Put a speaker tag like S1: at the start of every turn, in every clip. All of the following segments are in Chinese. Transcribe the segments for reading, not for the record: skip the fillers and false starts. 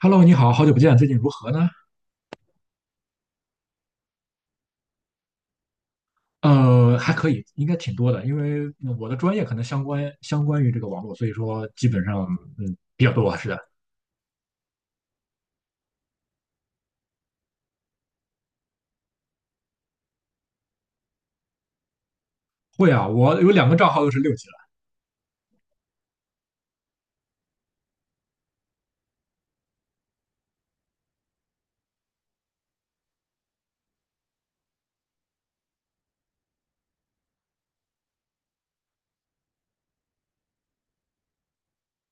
S1: Hello，你好，好久不见，最近如何呢？还可以，应该挺多的，因为我的专业可能相关于这个网络，所以说基本上比较多，是的。会啊，我有两个账号都是六级了。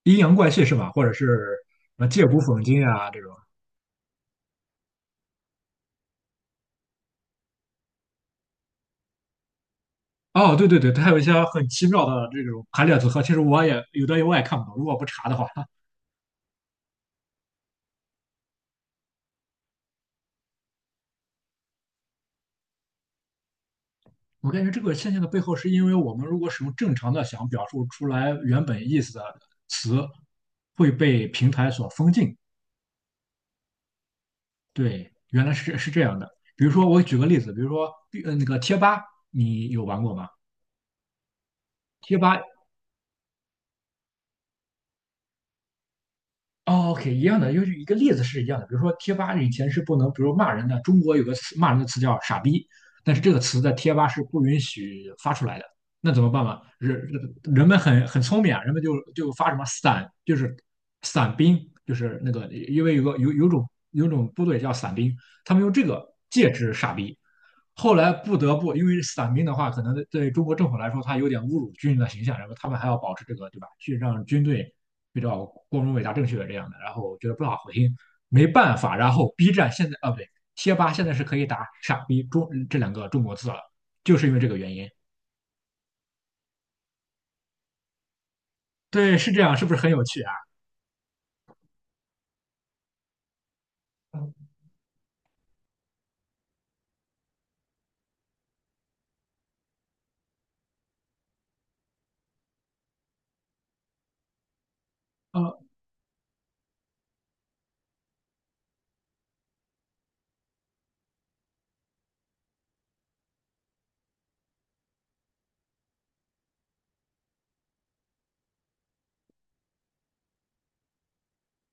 S1: 阴阳怪气是吧？或者是借古讽今啊这种。哦，对对对，它有一些很奇妙的这种排列组合，其实我也有的我也看不懂，如果不查的话，我感觉这个现象的背后是因为我们如果使用正常的想表述出来原本意思的词，会被平台所封禁。对，原来是这样的。比如说，我举个例子，比如说，那个贴吧，你有玩过吗？贴吧。哦，OK,一样的，就是一个例子是一样的。比如说，贴吧以前是不能，比如骂人的，中国有个词骂人的词叫"傻逼"，但是这个词在贴吧是不允许发出来的。那怎么办嘛？人们很聪明啊，人们就发什么伞，就是伞兵，就是那个，因为有种部队叫伞兵，他们用这个戒指"傻逼"。后来不得不，因为伞兵的话，可能对中国政府来说，他有点侮辱军人的形象，然后他们还要保持这个，对吧？去让军队比较光荣、伟大、正确的这样的，然后我觉得不大好听，没办法。然后 B 站现在啊，不对，贴吧现在是可以打"傻逼中"这两个中国字了，就是因为这个原因。对，是这样，是不是很有趣啊？呃，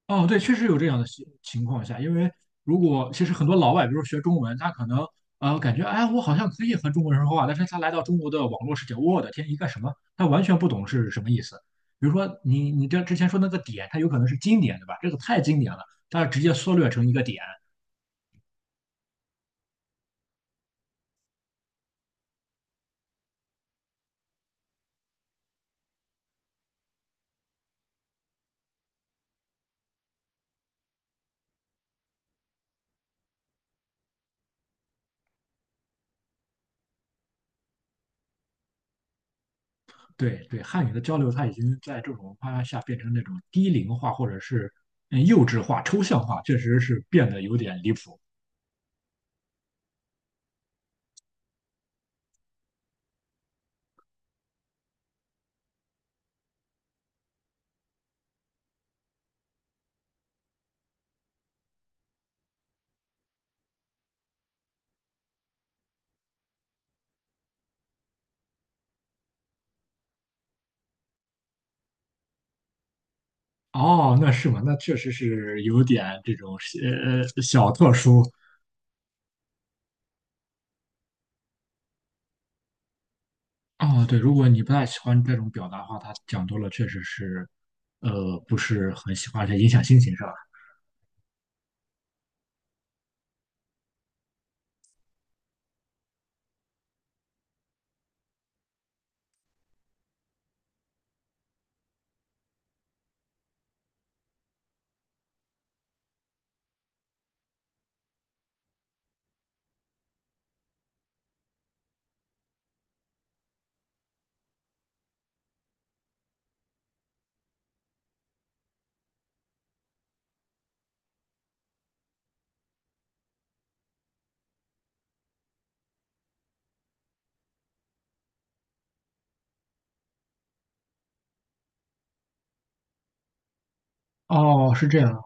S1: 哦，对，确实有这样的情况下，因为如果其实很多老外，比如学中文，他可能感觉，哎，我好像可以和中国人说话，但是他来到中国的网络世界，我的天，一个什么，他完全不懂是什么意思。比如说你这之前说那个点，它有可能是经典，对吧？这个太经典了，它直接缩略成一个点。对对，汉语的交流它已经在这种文化下变成那种低龄化或者是幼稚化、抽象化，确实是变得有点离谱。哦，那是吗？那确实是有点这种小特殊。哦，对，如果你不太喜欢这种表达的话，他讲多了确实是，不是很喜欢，而且影响心情，是吧？哦，是这样，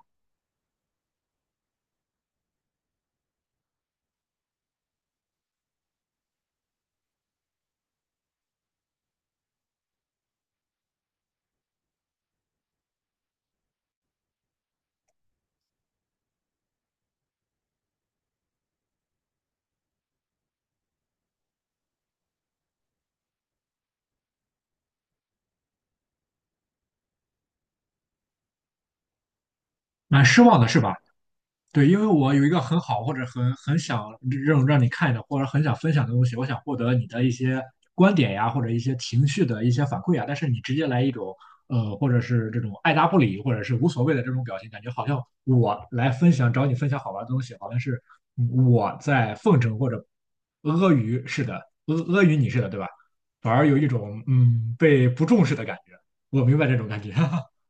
S1: 蛮失望的，是吧？对，因为我有一个很好或者很想让你看的，或者很想分享的东西，我想获得你的一些观点呀，或者一些情绪的一些反馈呀。但是你直接来一种或者是这种爱答不理，或者是无所谓的这种表情，感觉好像我来分享找你分享好玩的东西，好像是我在奉承或者阿谀似的，阿谀你似的，对吧？反而有一种被不重视的感觉。我明白这种感觉。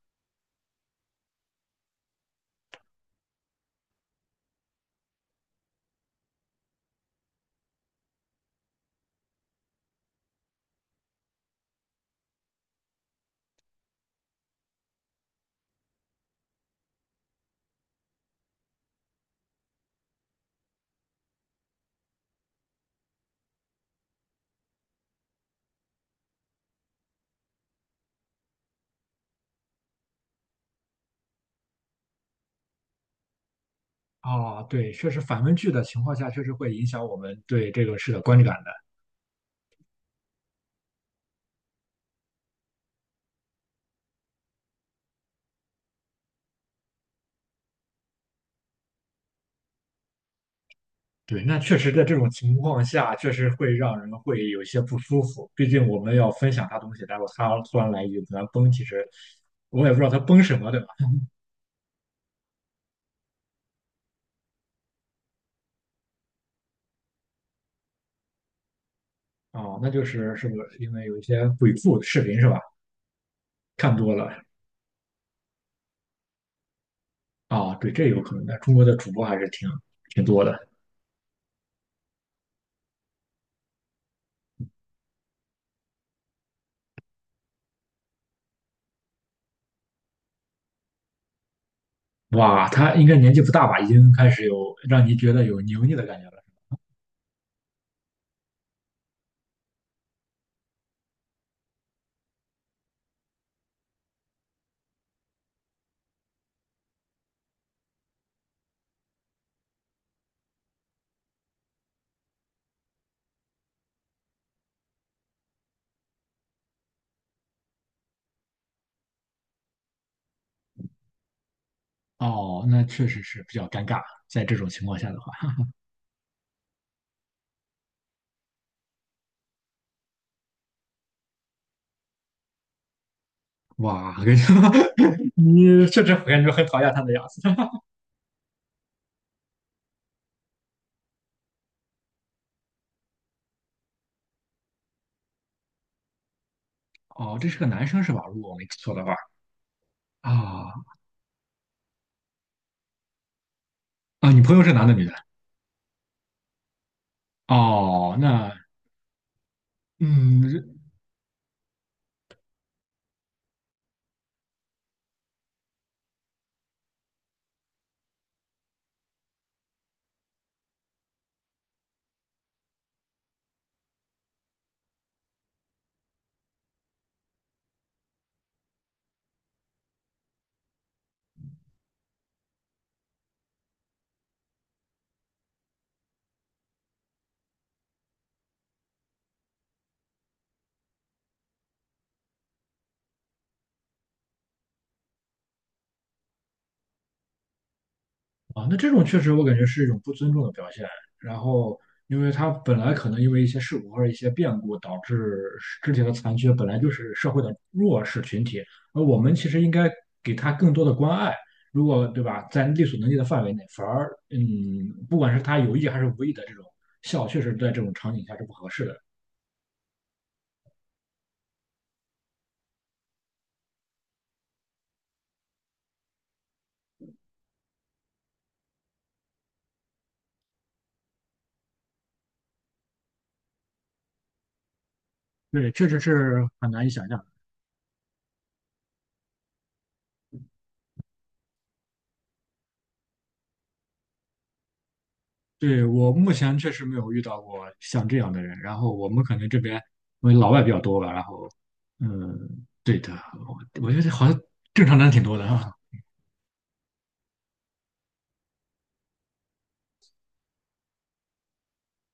S1: 哦，对，确实反问句的情况下，确实会影响我们对这个事的观感的。对，那确实在这种情况下，确实会让人会有一些不舒服。毕竟我们要分享他东西，然后他突然来一句"咱崩"，其实我也不知道他崩什么，对吧？哦，那就是是不是因为有一些鬼畜视频是吧？看多了啊，对，这有可能的。中国的主播还是挺多的。哇，他应该年纪不大吧？已经开始有让你觉得有油腻的感觉了。哦，那确实是比较尴尬，在这种情况下的话。哇，我跟你说 你确实感觉很讨厌他的样子。哦，这是个男生是吧？如果我没记错的话，啊，啊，你朋友是男的女的？哦，那嗯，啊，那这种确实我感觉是一种不尊重的表现。然后，因为他本来可能因为一些事故或者一些变故导致肢体的残缺，本来就是社会的弱势群体，而我们其实应该给他更多的关爱。如果对吧，在力所能及的范围内，反而不管是他有意还是无意的这种笑，确实在这种场景下是不合适的。对，确实是很难以想象。对，我目前确实没有遇到过像这样的人。然后我们可能这边因为老外比较多吧，然后，嗯，对的，我觉得好像正常人挺多的啊。